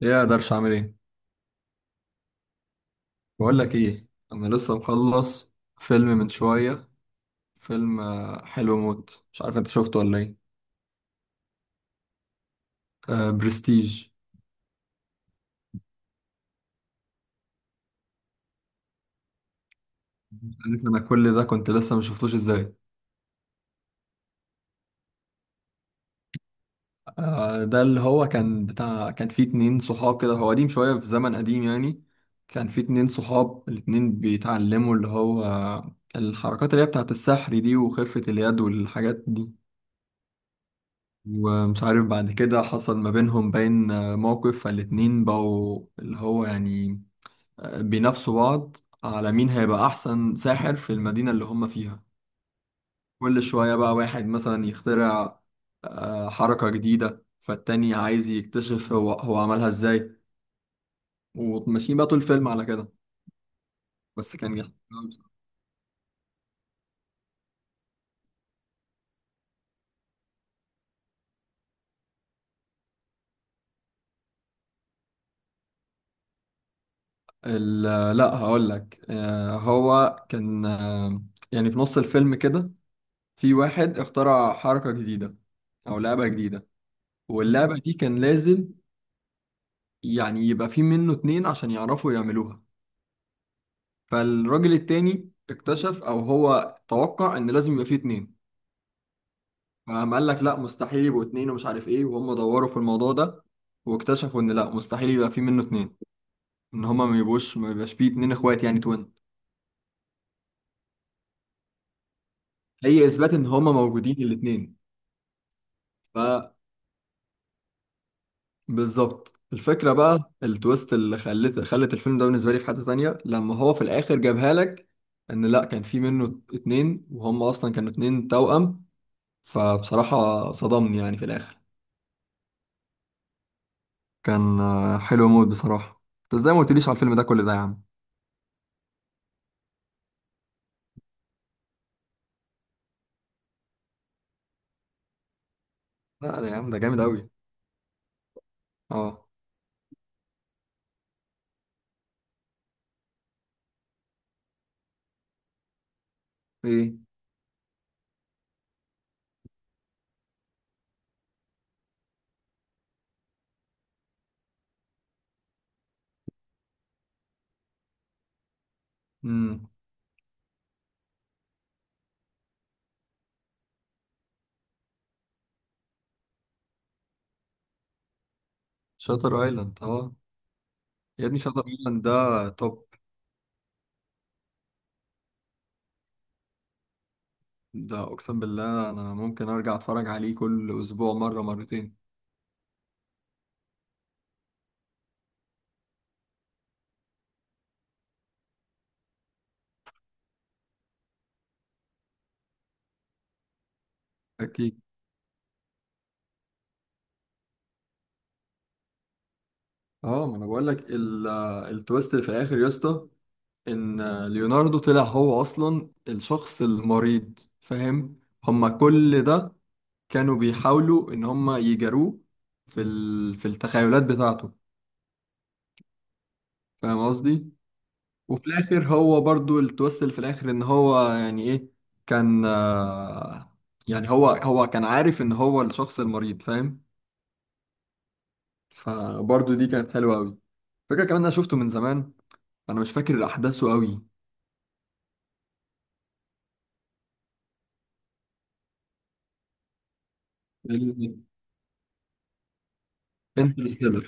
يا قدرش اعمل ايه؟ بقول لك ايه، انا لسه مخلص فيلم من شويه. فيلم حلو موت، مش عارف انت شفته ولا ايه. آه، برستيج. عارف انا كل ده كنت لسه ما شفتوش ازاي؟ آه، ده اللي هو كان بتاع كان فيه اتنين صحاب كده، هو قديم شويه، في زمن قديم يعني. كان فيه اتنين صحاب، الاتنين بيتعلموا اللي هو الحركات اللي هي بتاعت السحر دي وخفة اليد والحاجات دي. ومش عارف بعد كده حصل ما بينهم باين موقف، فالاتنين بقوا اللي هو يعني بينافسوا بعض على مين هيبقى أحسن ساحر في المدينة اللي هم فيها. كل شوية بقى واحد مثلا يخترع حركة جديدة، فالتاني عايز يكتشف هو عملها ازاي. وماشيين بقى طول الفيلم على كده، بس كان جامد أوي بصراحة. لا، هقول لك. هو كان، يعني في نص الفيلم كده، في واحد اخترع حركة جديدة أو لعبة جديدة، واللعبة دي كان لازم يعني يبقى في منه اتنين عشان يعرفوا يعملوها. فالراجل التاني اكتشف او هو توقع ان لازم يبقى فيه اتنين. فقام قال لك لا، مستحيل يبقوا اتنين ومش عارف ايه، وهم دوروا في الموضوع ده واكتشفوا ان لا، مستحيل يبقى فيه منه اتنين، ان هما ما يبقاش فيه اتنين اخوات يعني توين. هي اثبات ان هما موجودين الاتنين. بالظبط، الفكرة بقى التويست اللي خلت الفيلم ده بالنسبة لي في حتة تانية، لما هو في الآخر جابها لك. إن لأ، كان في منه اتنين وهم أصلا كانوا اتنين توأم. فبصراحة صدمني يعني في الآخر. كان حلو موت بصراحة، أنت إزاي ما قلتليش على الفيلم ده كل ده يا عم؟ لا، ده يا عم ده جامد أوي. أه. إيه. امم. شاتر أيلاند، أه. يا ابني، شاتر أيلاند ده توب. ده أقسم بالله أنا ممكن أرجع أتفرج عليه كل أسبوع مرة مرتين. أكيد. اه، ما انا بقول لك، التويست اللي في الاخر يا اسطى، ان ليوناردو طلع هو اصلا الشخص المريض، فاهم؟ هما كل ده كانوا بيحاولوا ان هما يجاروه في في التخيلات بتاعته. فاهم قصدي؟ وفي الاخر هو برضو التويست اللي في الاخر ان هو يعني ايه، كان يعني هو كان عارف ان هو الشخص المريض، فاهم؟ فبرضو دي كانت حلوة قوي، فكرة كمان. انا شفته من زمان، انا مش فاكر احداثه. قوي. انترستيلر.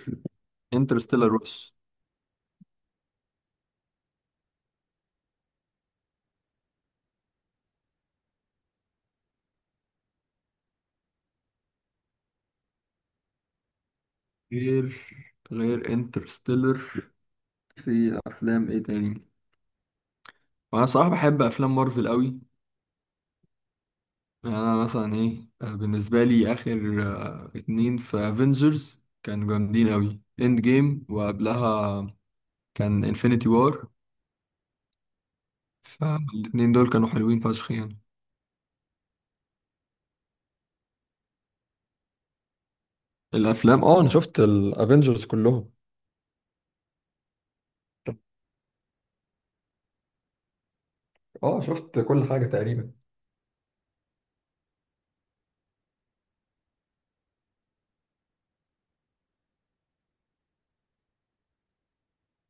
انترستيلر وش. غير غير انترستيلر، في افلام ايه تاني؟ وانا صراحة بحب افلام مارفل قوي. يعني انا مثلا ايه، بالنسبة لي اخر اتنين في افنجرز كانوا جامدين قوي، اند جيم وقبلها كان انفينيتي وار. فالاتنين دول كانوا حلوين فشخ يعني. الافلام، اه، انا شفت الافينجرز كلهم. اه، شفت كل حاجه تقريبا.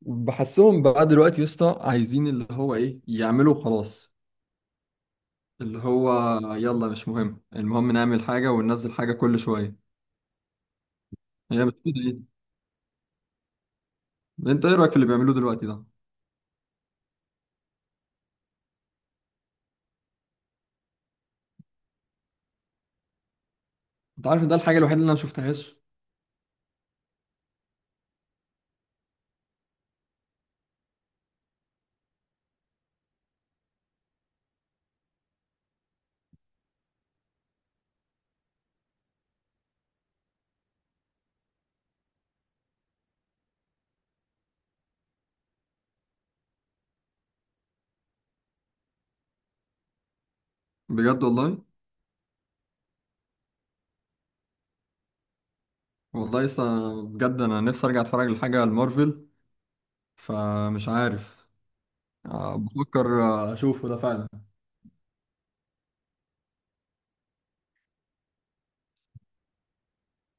بحسهم بقى دلوقتي يا اسطى عايزين اللي هو ايه، يعملوا خلاص، اللي هو، يلا مش مهم، المهم نعمل حاجة وننزل حاجة كل شوية. هي مش كده يعني؟ انت ايه رأيك في اللي بيعملوه دلوقتي ده؟ انت عارف إن ده الحاجة الوحيدة اللي انا مشفتهاش؟ بجد والله. والله لسه، بجد انا نفسي ارجع اتفرج لحاجة المارفل، فمش عارف. بفكر اشوفه ده فعلا.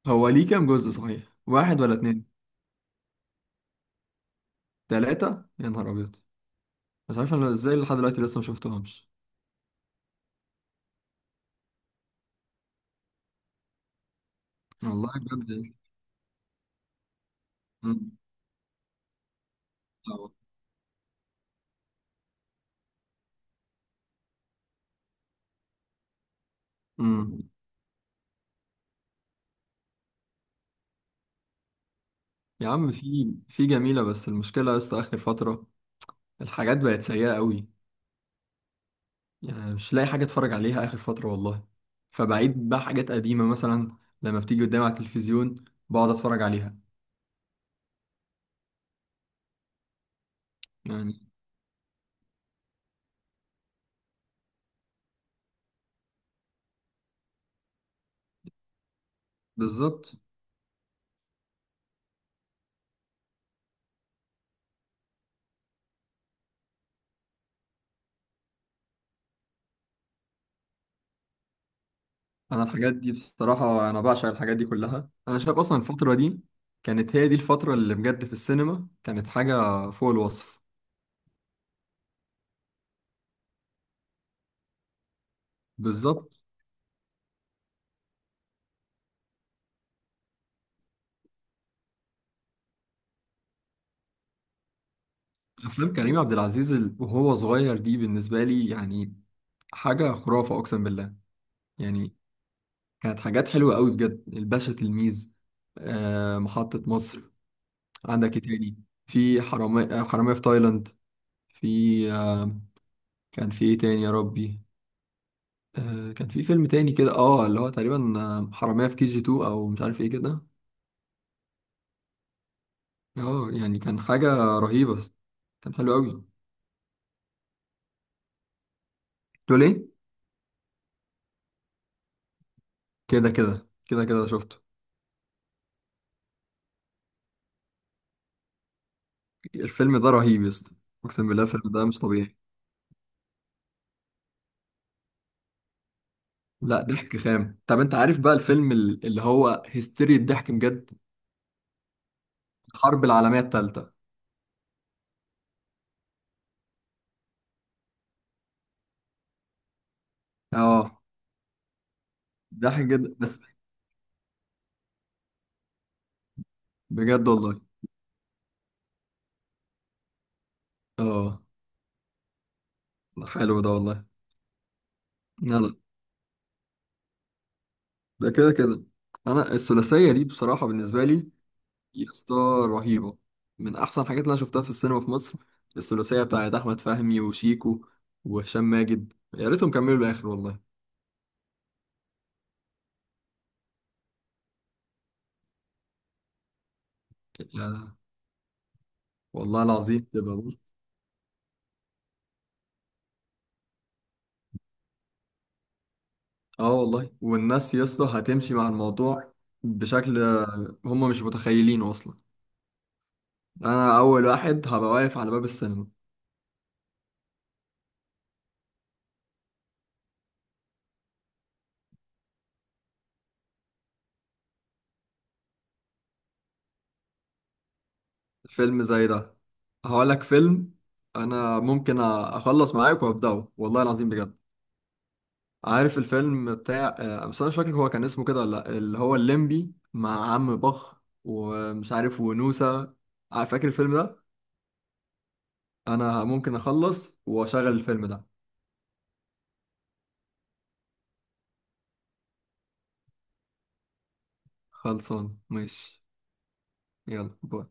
هو ليه كام جزء صحيح، واحد ولا اتنين؟ تلاتة، يا نهار ابيض. مش عارف انا ازاي لحد دلوقتي لسه مشفتهمش. والله بجد يعني. مم. آه. مم. يا عم، في جميلة، بس المشكلة يا اسطى آخر فترة الحاجات بقت سيئة قوي. يعني مش لاقي حاجة اتفرج عليها آخر فترة والله، فبعيد بقى حاجات قديمة مثلا لما بتيجي قدامي على التلفزيون بقعد اتفرج عليها يعني. بالظبط. انا الحاجات دي بصراحة انا بعشق الحاجات دي كلها، انا شايف اصلا الفترة دي كانت هي دي الفترة اللي بجد في السينما كانت حاجة فوق الوصف. بالظبط. افلام كريم عبد العزيز وهو صغير دي بالنسبة لي يعني حاجة خرافة اقسم بالله. يعني كانت حاجات حلوة قوي بجد، الباشا تلميذ، محطة مصر. عندك ايه تاني؟ في حرامية، حرامية في تايلاند، في آه، كان في ايه تاني يا ربي؟ كان في فيلم تاني كده اللي هو تقريبا حرامية في كي جي 2 او مش عارف ايه كده. اه، يعني كان حاجة رهيبة، بس كان حلو قوي. تقول ايه؟ كده كده كده كده، شفته. الفيلم ده رهيب يا اسطى، اقسم بالله الفيلم ده مش طبيعي. لا، ضحك خام. طب انت عارف بقى الفيلم، اللي هو هيستيريا الضحك بجد، الحرب العالمية التالتة. اه، ضحك جدا بس. بجد والله. اه، حلو ده والله. يلا، ده كده كده. انا الثلاثيه دي بصراحه بالنسبه لي يا اسطى رهيبه، من احسن الحاجات اللي انا شفتها في السينما في مصر. الثلاثيه بتاعت احمد فهمي وشيكو وهشام ماجد، يا ريتهم كملوا الاخر والله. يعني والله العظيم تبقى بص. اه والله، والناس يا اسطى هتمشي مع الموضوع بشكل، هم مش متخيلينه اصلا. انا اول واحد هبقى واقف على باب السينما. فيلم زي ده هقول لك فيلم، انا ممكن اخلص معاك وابداه والله العظيم بجد. عارف الفيلم بتاع بس انا مش فاكر هو كان اسمه كده ولا لأ، اللي هو الليمبي مع عم بخ ومش عارف ونوسة. فاكر الفيلم ده؟ انا ممكن اخلص واشغل الفيلم ده. خلصان، ماشي. يلا، باي.